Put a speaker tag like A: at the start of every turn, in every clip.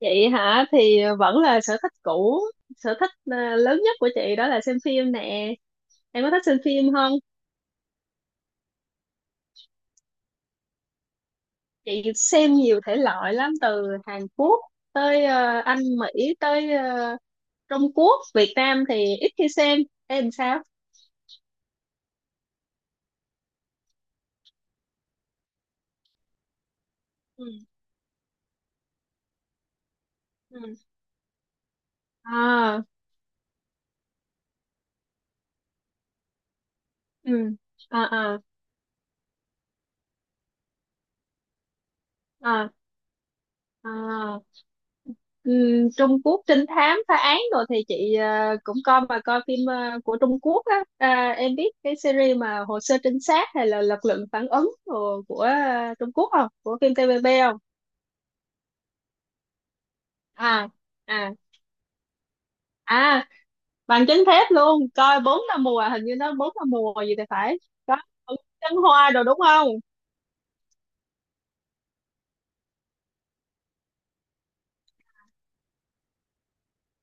A: Chị hả? Thì vẫn là sở thích cũ. Sở thích à, lớn nhất của chị đó là xem phim nè. Em có thích xem phim không? Chị xem nhiều thể loại lắm, từ Hàn Quốc tới Anh Mỹ, tới Trung Quốc. Việt Nam thì ít khi xem. Em sao? Ừ. Ừ. À. Ừ. À. À. À. À. Trung Quốc trinh thám phá án rồi thì chị cũng coi, mà coi phim của Trung Quốc á. À, em biết cái series mà Hồ sơ trinh sát hay là Lực lượng phản ứng của, Trung Quốc không? Của phim TVB không? À. À. À. Bằng chứng thép luôn coi bốn năm mùa, hình như nó bốn năm mùa gì thì phải. Có Trấn Hoa rồi đúng không?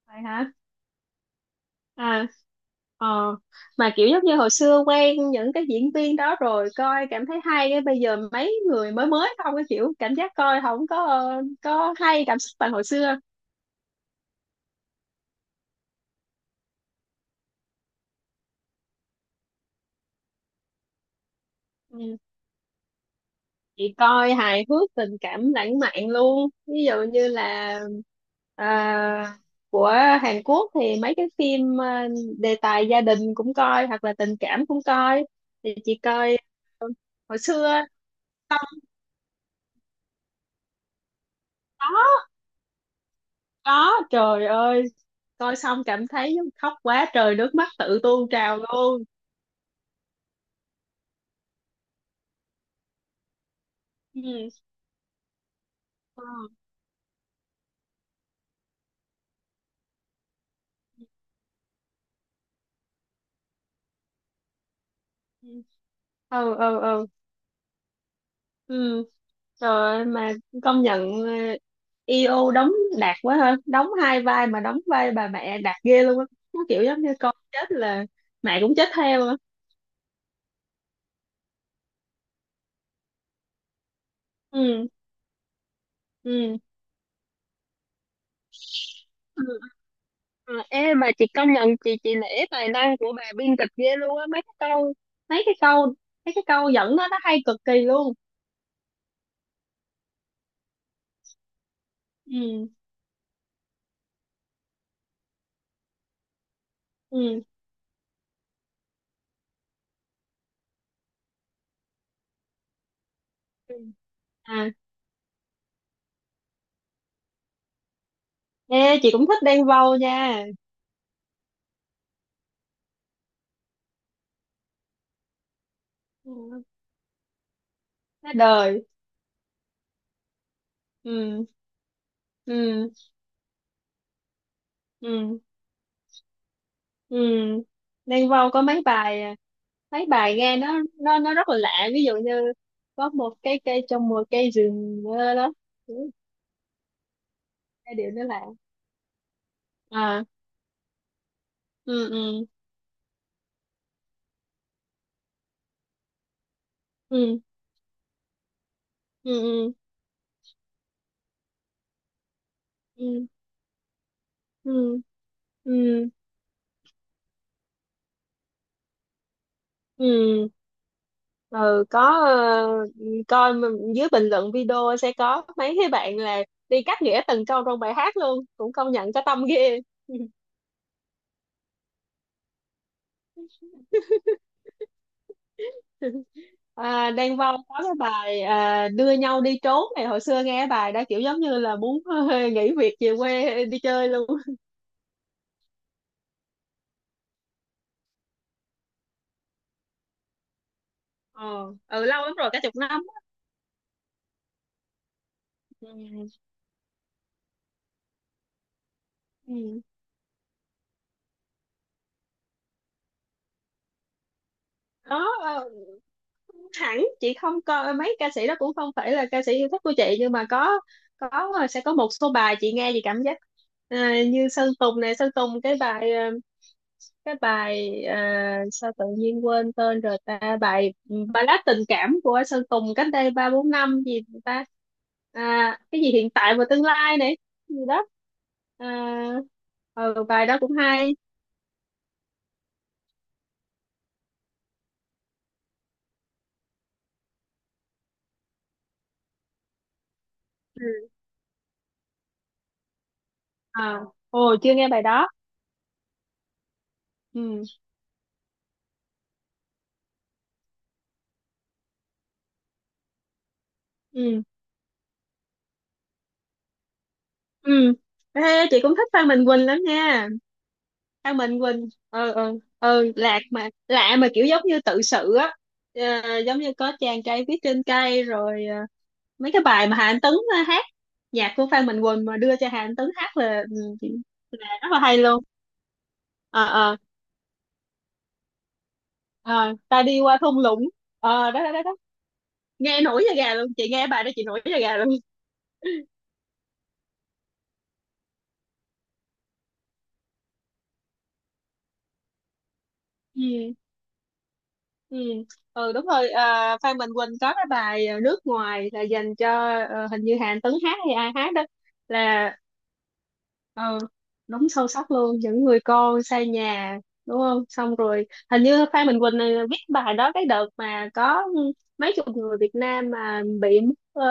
A: Phải hả? À. Ờ, mà kiểu giống như hồi xưa quen những cái diễn viên đó rồi coi cảm thấy hay. Cái bây giờ mấy người mới mới không, cái kiểu cảm giác coi không có có hay, cảm xúc bằng hồi xưa. Ừ. Chị coi hài hước, tình cảm lãng mạn luôn, ví dụ như là à, của Hàn Quốc thì mấy cái phim đề tài gia đình cũng coi, hoặc là tình cảm cũng coi, thì chị coi hồi xưa xong. có có, trời ơi, coi xong cảm thấy khóc quá trời, nước mắt tự tuôn trào luôn. Ừ. Ừ. Ừ. Ừ, ừ. Ừ. Trời ơi, mà công nhận EO đóng đạt quá ha, đóng hai vai mà đóng vai bà mẹ đạt ghê luôn á. Nó kiểu giống như con chết là mẹ cũng chết theo á. Ừ. Ừ. Ừ, ừ. Ê, mà chị công nhận, chị nể tài năng của bà biên kịch ghê luôn á. Mấy cái câu Mấy cái câu dẫn đó nó hay cực kỳ luôn. Ừ. Ừ. Ừ. À. Ê, chị cũng thích Đen Vâu nha. Ừ. Thế đời. Ừ, ừ, ừ, ừ. Đen Vâu có mấy bài, à, mấy bài nghe nó rất là lạ. Ví dụ như có một cái cây trong một cây rừng đó. Ừ. Cái điệu nó lạ. À, ừ, ừ, ừ, ừ, ừ, ừ, ừ, ừ. Ừ. Ừ, có ờ, coi mà dưới bình luận video sẽ có mấy cái bạn là đi cắt nghĩa từng câu trong bài hát luôn, cũng công nhận có tâm ghê. À, Đan Vâu có cái bài à, đưa nhau đi trốn này, hồi xưa nghe cái bài đó kiểu giống như là muốn nghỉ việc về quê đi chơi luôn. Ờ. Ừ, lâu lắm rồi, cả chục năm. Ừ. Ừ. Đó hẳn chị không coi mấy ca sĩ đó, cũng không phải là ca sĩ yêu thích của chị, nhưng mà có sẽ có một số bài chị nghe chị cảm giác à, như Sơn Tùng này. Sơn Tùng cái bài cái bài à, sao tự nhiên quên tên rồi ta, bài ballad tình cảm của Sơn Tùng cách đây ba bốn năm gì ta. À, cái gì hiện tại và tương lai này gì đó. À, ừ, bài đó cũng hay. Ừ. À, ồ, chưa nghe bài đó. Ừ. Ừ. Ừ. Ê, chị cũng thích Phan Mạnh Quỳnh lắm nha. Phan Mạnh Quỳnh lạc mà lạ mà kiểu giống như tự sự á. Ờ, giống như có chàng trai viết trên cây rồi mấy cái bài mà Hà Anh Tuấn hát, nhạc của Phan Mạnh Quỳnh mà đưa cho Hà Anh Tuấn hát là, ừ, là rất là hay luôn. Ờ. Ờ. ờ, ta đi qua thung lũng. Ờ, đó đó đó, đó. Nghe nổi da gà luôn, chị nghe bài đó chị nổi da gà luôn. Ừ. Ừ. Ừ, đúng rồi. À, Phan Mạnh Quỳnh có cái bài nước ngoài, là dành cho hình như Hàn Tấn hát hay ai hát đó, là ờ, đúng sâu sắc luôn, những người con xa nhà đúng không. Xong rồi hình như Phan Mạnh Quỳnh này viết bài đó cái đợt mà có mấy chục người Việt Nam mà bị mất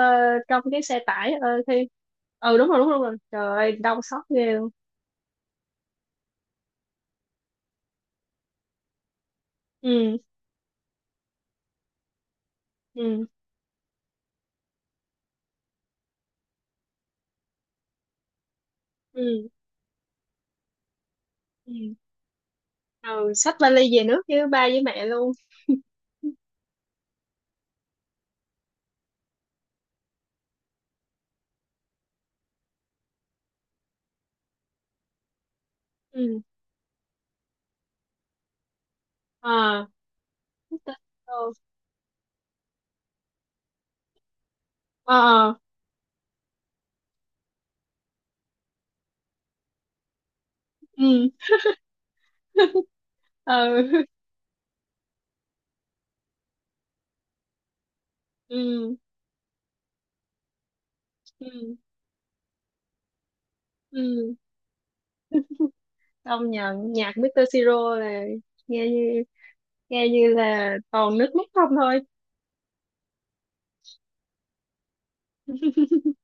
A: trong cái xe tải khi. Ừ, đúng rồi, đúng rồi, đúng rồi. Trời ơi, đau xót ghê luôn. Ừ. Ừ. Ừ. Ừ, ừ. Xách vali về nước với ba với mẹ luôn. Ừ. À. Tên đồ. Ờ. Ừ. Ừ. Ừ. Ừ. Ừ, công nhận nhạc Mr. Siro là nghe như nghe như là toàn nước mắt không thôi.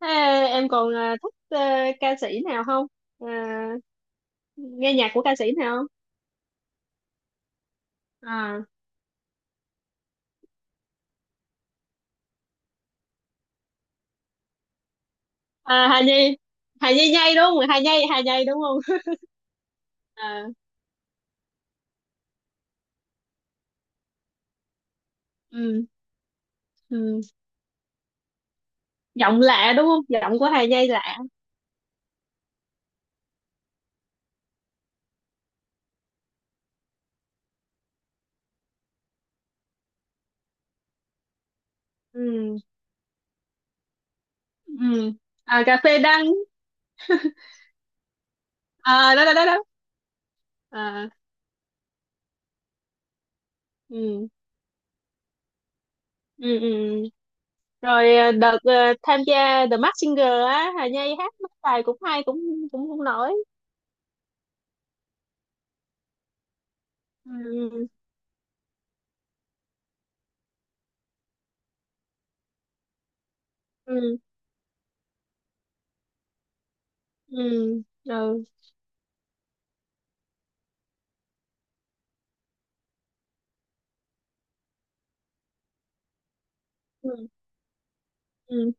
A: Thế em còn à, thích à, ca sĩ nào không? À, nghe nhạc của ca sĩ nào không? À. À, Hà Nhi. Hà Nhi nhây đúng không? Hà Nhi Hà Nhi đúng không? À, ừ, ừ. Giọng lạ đúng không? Giọng của Hà Nhi lạ. Ừ. Ừ. À, cà phê đắng. À, đó đó đó đó. À, ừ, ừ, ừ. Rồi à, đợt à, tham gia The Masked Singer á, Hà Nhi hát mấy bài cũng hay, cũng cũng không nổi. Ừ. Ừ. Ừ. Ừ. Ừ. Ừ.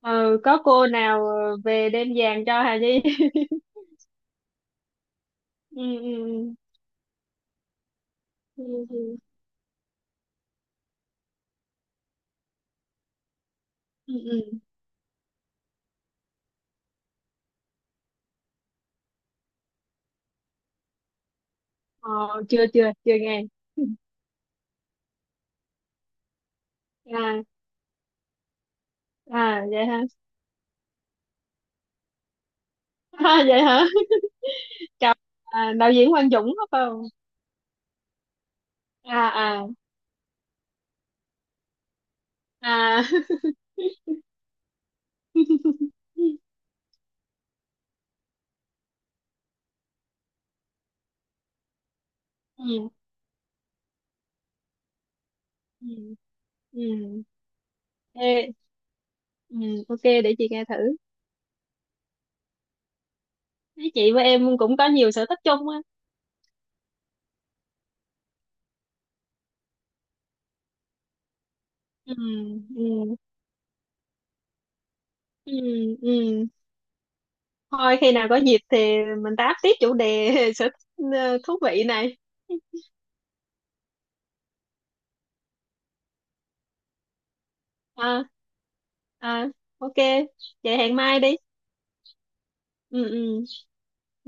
A: Ờ, có cô nào về đem vàng cho Hà Nhi. Ừ. Ừ. Ừ. Ừ. Ừ. Ừ. Ờ, chưa chưa chưa nghe. À. À, vậy hả? À, vậy hả? Chào. À, đạo diễn Quang Dũng phải không? À. À. À. Ừ. Ừ. Ừ. Ê. Ừ, ok, để chị nghe thử. Thấy chị với em cũng có nhiều sở thích chung á. Ừ. Ừ. Ừ. Ừ. Thôi khi nào có dịp thì mình tám tiếp chủ đề sở thích thú vị này. À. À, ok, vậy hẹn mai đi. Ừ. Ừ.